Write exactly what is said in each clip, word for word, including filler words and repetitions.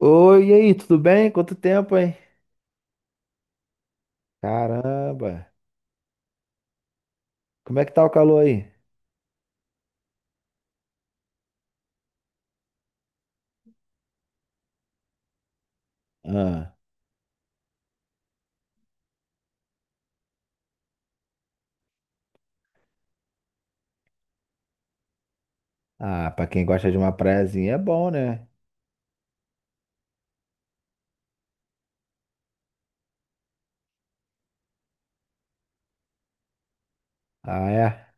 Oi, e aí, tudo bem? Quanto tempo, hein? Caramba, como é que tá o calor aí? Ah, ah, pra quem gosta de uma praiazinha é bom, né? Ah, é?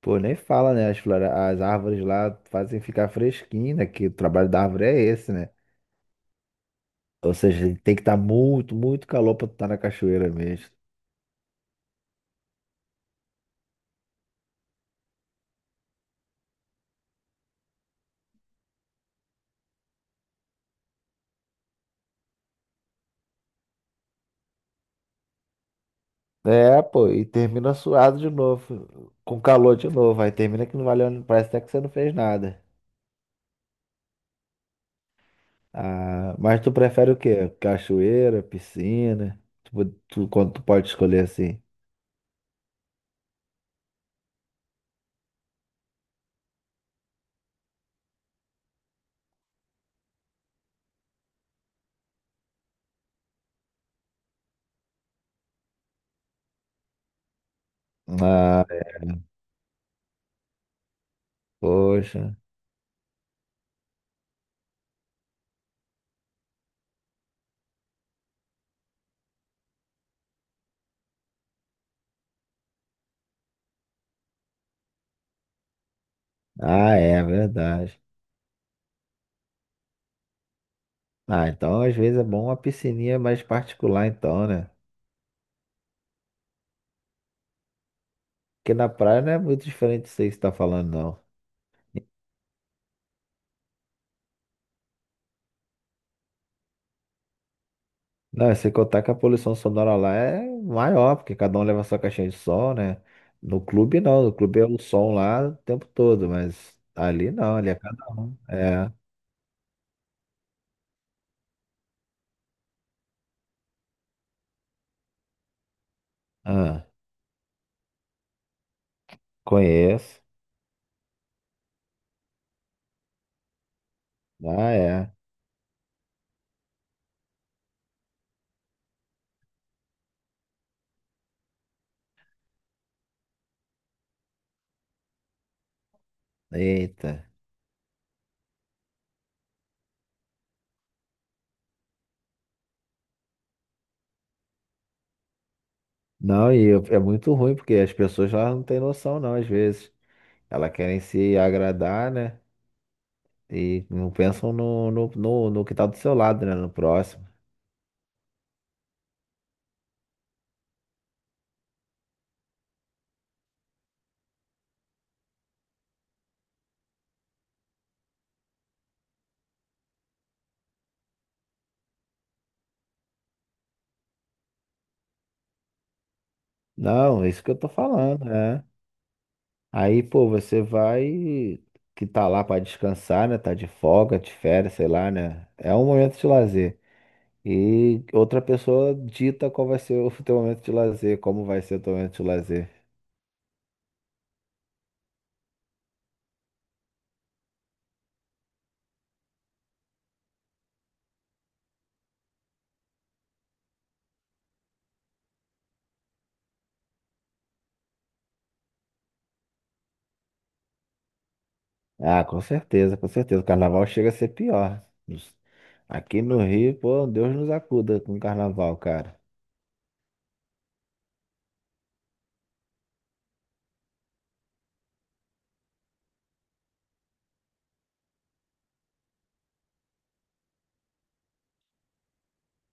Pô, nem fala, né? As, flore... As árvores lá fazem ficar fresquinho, né? Que o trabalho da árvore é esse, né? Ou seja, tem que estar muito, muito calor pra tu estar na cachoeira mesmo. É, pô, e termina suado de novo, com calor de novo. Aí termina que não valeu, parece até que você não fez nada. Ah, mas tu prefere o quê? Cachoeira, piscina? Tipo, tu, quando tu pode escolher assim? Ah, poxa. Ah, é verdade. Ah, então às vezes é bom uma piscininha mais particular, então, né? Porque na praia não é muito diferente disso aí que você tá falando, não. Não, e sem contar que a poluição sonora lá é maior, porque cada um leva sua caixinha de som, né? No clube não, no clube é o som lá o tempo todo, mas ali não, ali é cada um. É. Ah, conheço. Ah, é. Eita. Não, e eu- é muito ruim, porque as pessoas lá não têm noção, não, às vezes. Elas querem se agradar, né? E não pensam no, no, no, no que tá do seu lado, né? No próximo. Não, é isso que eu tô falando, né? Aí, pô, você vai que tá lá pra descansar, né? Tá de folga, de férias, sei lá, né? É um momento de lazer. E outra pessoa dita qual vai ser o teu momento de lazer, como vai ser o teu momento de lazer. Ah, com certeza, com certeza. O carnaval chega a ser pior. Nos- Aqui no Rio, pô, Deus nos acuda com o carnaval, cara.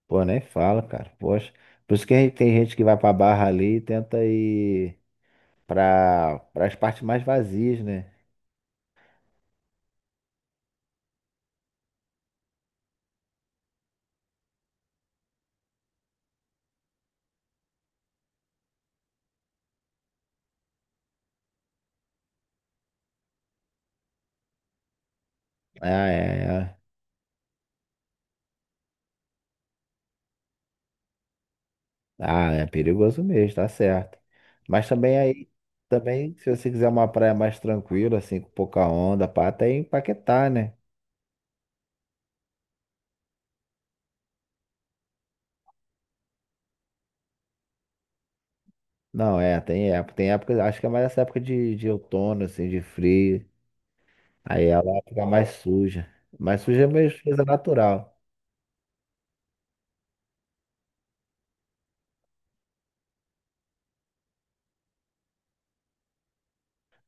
Pô, nem fala, cara. Poxa. Por isso que a gente- tem gente que vai pra Barra ali e tenta ir pra, pras partes mais vazias, né? Ah, é, é. Ah, é perigoso mesmo, tá certo. Mas também aí, também, se você quiser uma praia mais tranquila, assim, com pouca onda, pá, até em Paquetá, né? Não, é, tem época. Tem época, acho que é mais essa época de, de outono, assim, de frio. Aí ela fica mais suja. Mais suja é meio coisa natural.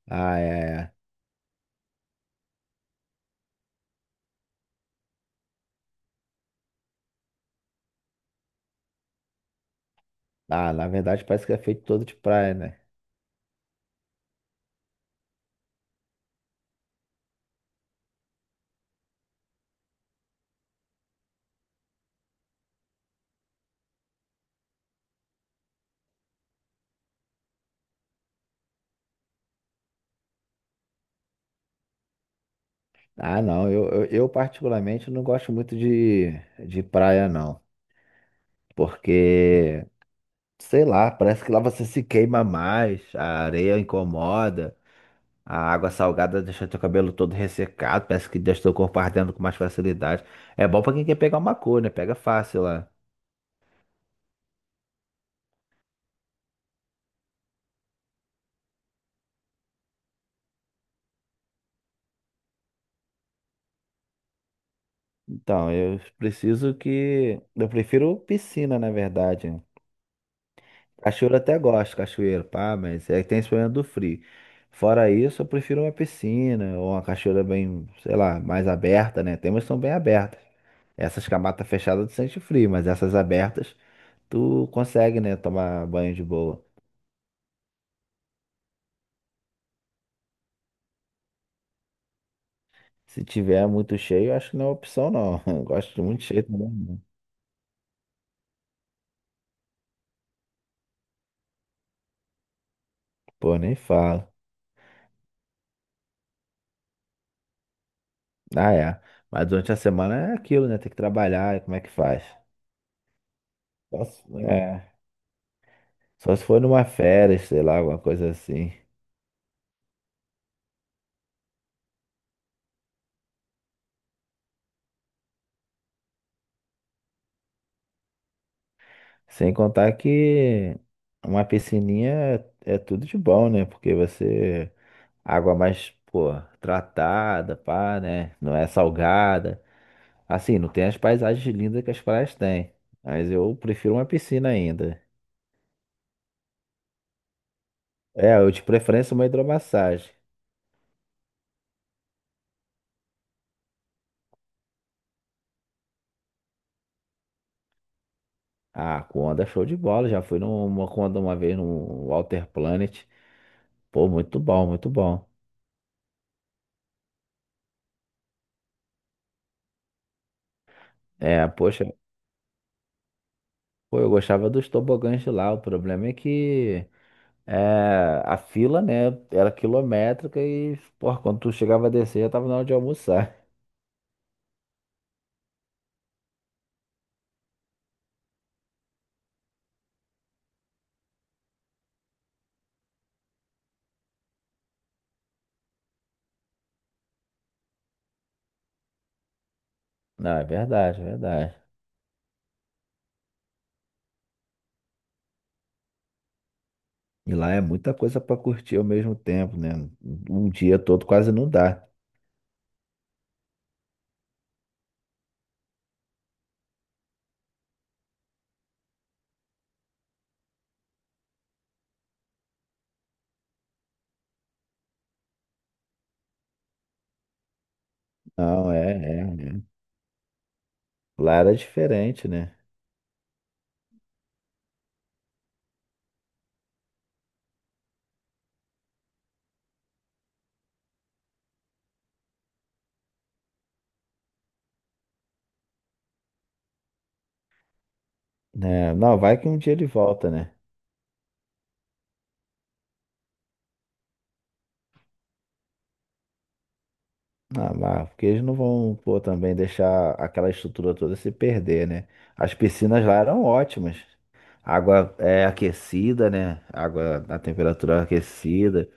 Ah, é. é. Ah, na verdade parece que é feito todo de praia, né? Ah, não. Eu, eu, eu particularmente não gosto muito de, de praia, não. Porque, sei lá, parece que lá você se queima mais, a areia incomoda, a água salgada deixa teu cabelo todo ressecado, parece que deixa teu corpo ardendo com mais facilidade. É bom pra quem quer pegar uma cor, né? Pega fácil lá. Então, eu preciso que. Eu prefiro piscina, na verdade. Cachoeira eu até gosto, cachoeira, pá, mas é que tem esse problema do frio. Fora isso, eu prefiro uma piscina ou uma cachoeira bem, sei lá, mais aberta, né? Tem umas que são bem abertas. Essas com a mata fechada tu sente frio, mas essas abertas tu consegue, né, tomar banho de boa. Se tiver muito cheio, eu acho que não é opção, não. Eu gosto de muito cheio também. Não. Pô, nem falo. Ah, é. Mas durante a semana é aquilo, né? Tem que trabalhar, e como é que faz? Só se- É. Só se for numa férias, sei lá, alguma coisa assim. Sem contar que uma piscininha é, é tudo de bom, né? Porque você. Água mais, pô, tratada, pá, né? Não é salgada. Assim, não tem as paisagens lindas que as praias têm. Mas eu prefiro uma piscina ainda. É, eu de preferência uma hidromassagem. Ah, com onda show de bola. Já fui numa com onda uma vez no Walter Planet. Pô, muito bom, muito bom. É, poxa, pô, eu gostava dos tobogãs de lá. O problema é que. É, a fila, né, era quilométrica e, porra, quando tu chegava a descer, já tava na hora de almoçar. Não, é verdade, é verdade. E lá é muita coisa pra curtir ao mesmo tempo, né? Um dia todo quase não dá. Não, é, é, é. Lá era diferente, né? Né, não, vai que um dia ele volta, né? Ah, mas porque eles não vão, pô, também deixar aquela estrutura toda se perder, né? As piscinas lá eram ótimas. Água é aquecida, né? Água na temperatura aquecida.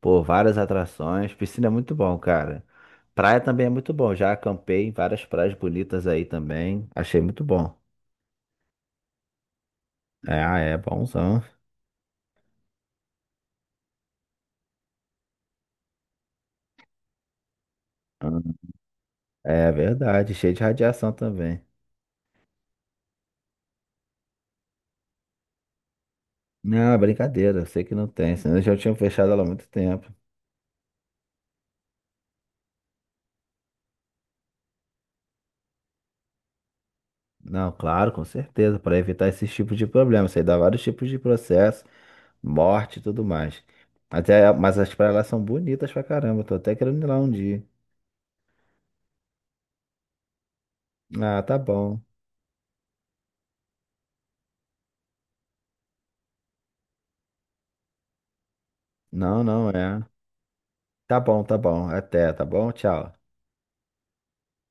Pô, várias atrações. Piscina é muito bom, cara. Praia também é muito bom. Já acampei em várias praias bonitas aí também. Achei muito bom. É, ah, é bonzão. É verdade, cheio de radiação também. Não, é brincadeira, eu sei que não tem, senão eu já tinha fechado ela há muito tempo. Não, claro, com certeza, para evitar esses tipos de problemas. Isso aí dá vários tipos de processo, morte e tudo mais. Até, mas as praias lá são bonitas pra caramba, tô até querendo ir lá um dia. Ah, tá bom. Não, não, é. Tá bom, tá bom. Até, tá bom? Tchau.